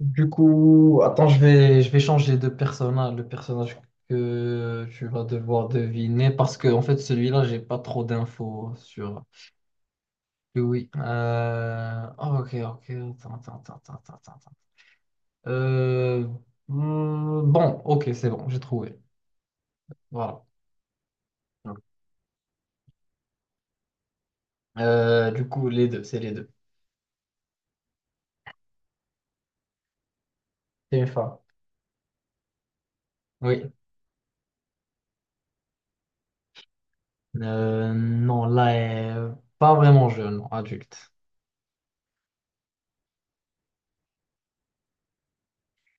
Du coup, attends, je vais changer de personnage, le personnage que tu vas devoir deviner, parce que en fait, celui-là, j'ai pas trop d'infos sur lui. Oui. Oh, ok, ok, attends. Euh, bon, ok, c'est bon, j'ai trouvé. Voilà. Du coup, les deux. C'est une femme. Oui. Non, là, elle est pas vraiment jeune, adulte.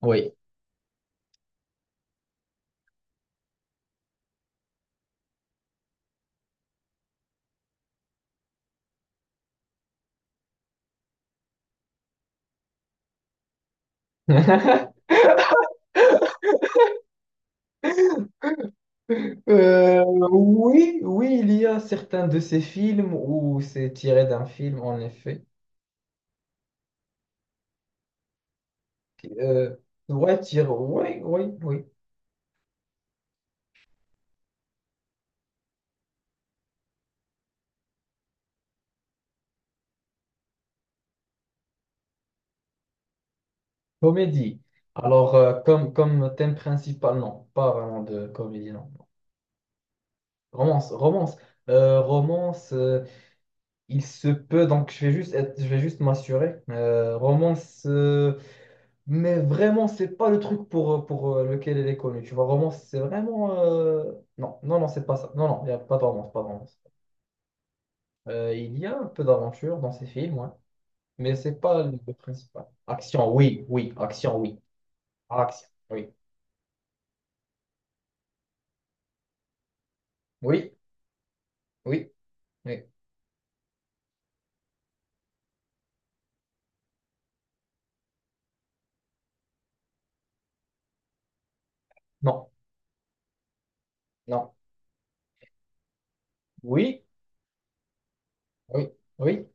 Oui. Euh, oui, oui, il y a certains de ces films où c'est tiré d'un film, en effet. Euh, ouais, tiré, oui, oui, oui. Comédie. Alors, comme, comme thème principal, non, pas vraiment de comédie, non. Romance, romance. Euh, romance, euh, il se peut, donc je vais juste m'assurer. Mais vraiment, c'est pas le truc pour lequel elle est connue. Tu vois, romance, c'est vraiment non, non, non, c'est pas ça. Non, non, il n'y a pas de romance, pas de romance. Il y a un peu d'aventure dans ces films, ouais. Mais c'est pas le principal. Action, oui, oui. Action, oui. Action, oui. Oui, oui, oui. Non, non. Oui, oui, oui.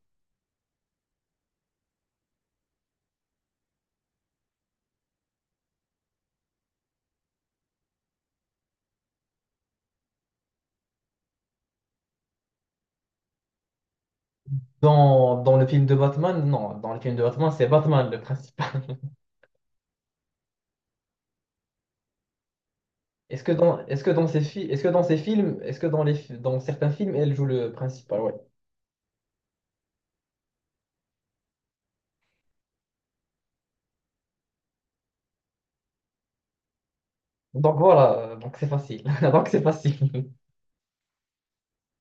Dans, dans le film de Batman, non. Dans le film de Batman, c'est Batman le principal. Est-ce que dans ces fi- est-ce que dans ces films, est-ce que dans les, fi- Dans certains films, elle joue le principal, ouais. Donc voilà, donc c'est facile. Donc c'est facile.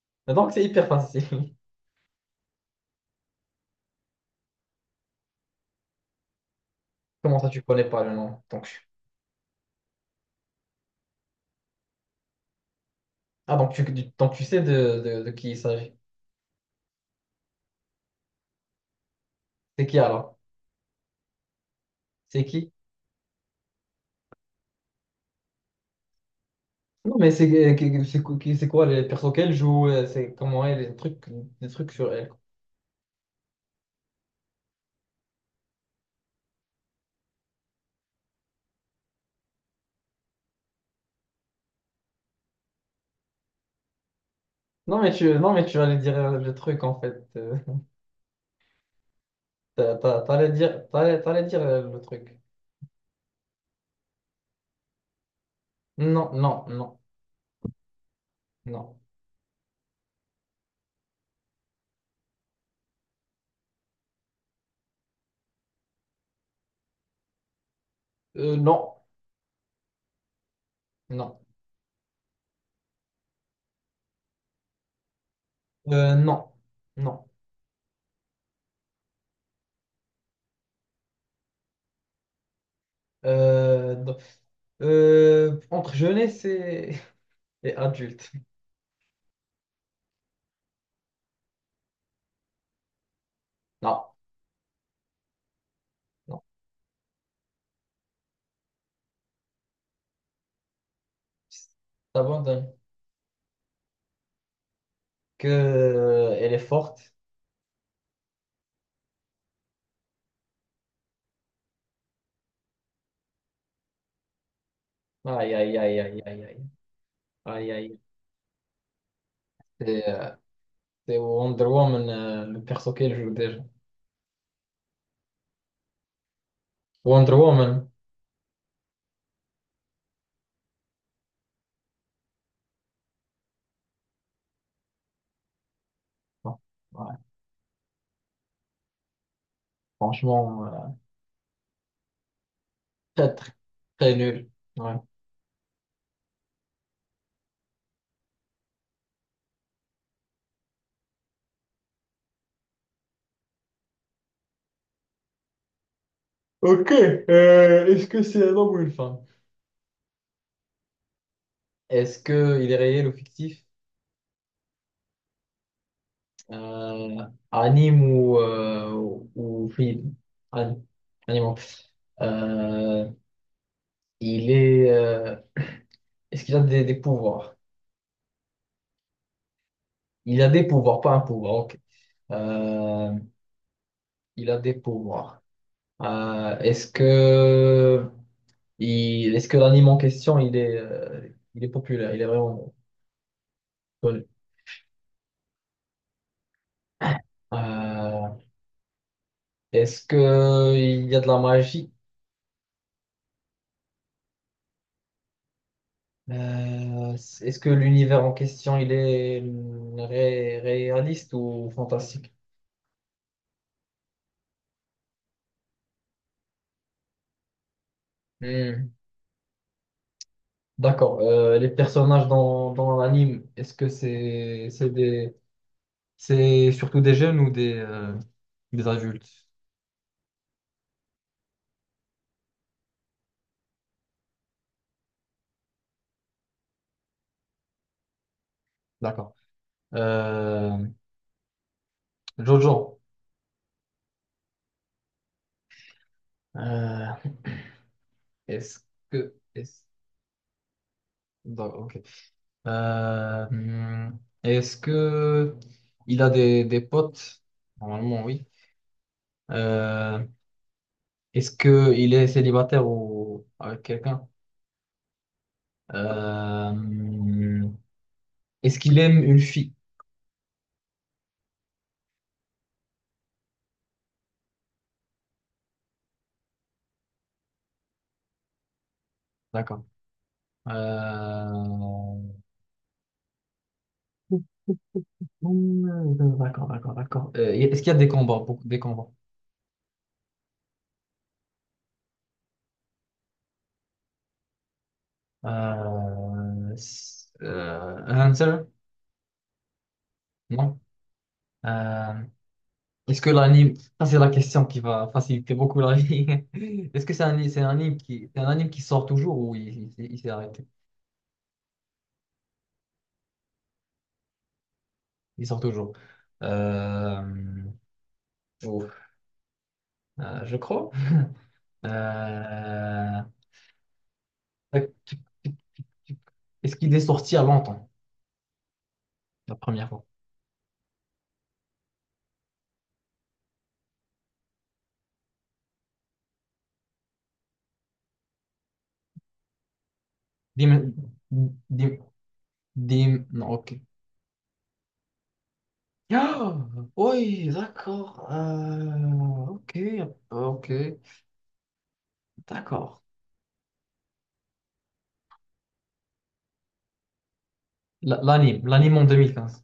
Donc c'est hyper facile. Comment ça, tu connais pas le nom? Donc, ah, donc tu sais de qui il s'agit. C'est qui alors? C'est qui? Non, mais C'est quoi les persos qu'elle joue? C'est comment elle, les trucs sur elle. Non, mais tu allais dire le truc en fait. T'allais dire, t'allais dire le truc. Non, non, non, non. Non, non. Non, non. Non. Entre jeunesse et et adulte. Non, non. T'abandonnes. Que, elle est forte. Aïe, aïe, aïe, aïe, aïe, aïe. Aïe, aïe. C'est Wonder Woman, le perso qu'elle joue déjà. Wonder Woman. Bon, ouais, franchement, très, très, très nul. Ouais. Ok, est-ce que c'est un homme ou une femme? Est-ce que il est réel ou fictif? Euh, Anime ou, ou film? Anime. Anime. Euh, il est. Est-ce qu'il a des pouvoirs? Il a des pouvoirs, pas un pouvoir. Ok. Euh, il a des pouvoirs. Euh, est-ce que Est-ce que l'anime en question, il est populaire, il est vraiment connu? Euh, Est-ce que il y a de la magie? Est-ce que l'univers en question, il est réaliste ou fantastique? Hmm. D'accord. Les personnages dans l'anime, est-ce que c'est des c'est surtout des jeunes ou des adultes? D'accord. Euh, Jojo. Euh, est-ce que est Euh, hmm, Est-ce que il a des potes? Normalement, oui. Euh, Est-ce que il est célibataire ou avec quelqu'un? Euh, hmm, Est-ce qu'il aime une fille? D'accord. Euh, d'accord, d'accord, d'accord. Est-ce qu'il y a des combats? Beaucoup des combats. Hunter? Non. Euh, Est-ce que l'anime, ça c'est la question qui va faciliter beaucoup la vie. Est-ce que c'est un anime qui sort toujours ou il s'est arrêté? Il sort toujours. Euh, ouf, je crois. Euh, tac, tic, tic, tic. Est-ce qu'il est sorti à longtemps, la première fois? Dim, dim, non, ok. Ah, oui, d'accord. Ok, ok, d'accord. L'anime, l'anime en 2015.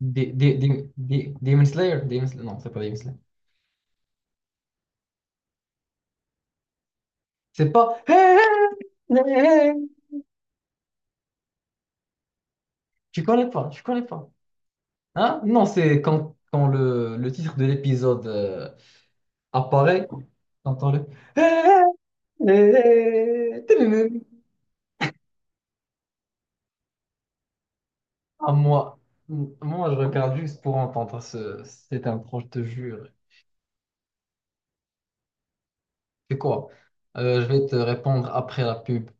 Demon Slayer? Non, c'est pas Demon Slayer. C'est pas. Hey, hey, hey, hey. Hey, hey. Tu connais pas, tu connais pas. Hein? Non, c'est quand, quand le titre de l'épisode apparaît, t'entends le. Hey, hey, hey, hey. Ah, moi, je regarde juste pour entendre cette intro, je te jure. C'est quoi? Je vais te répondre après la pub.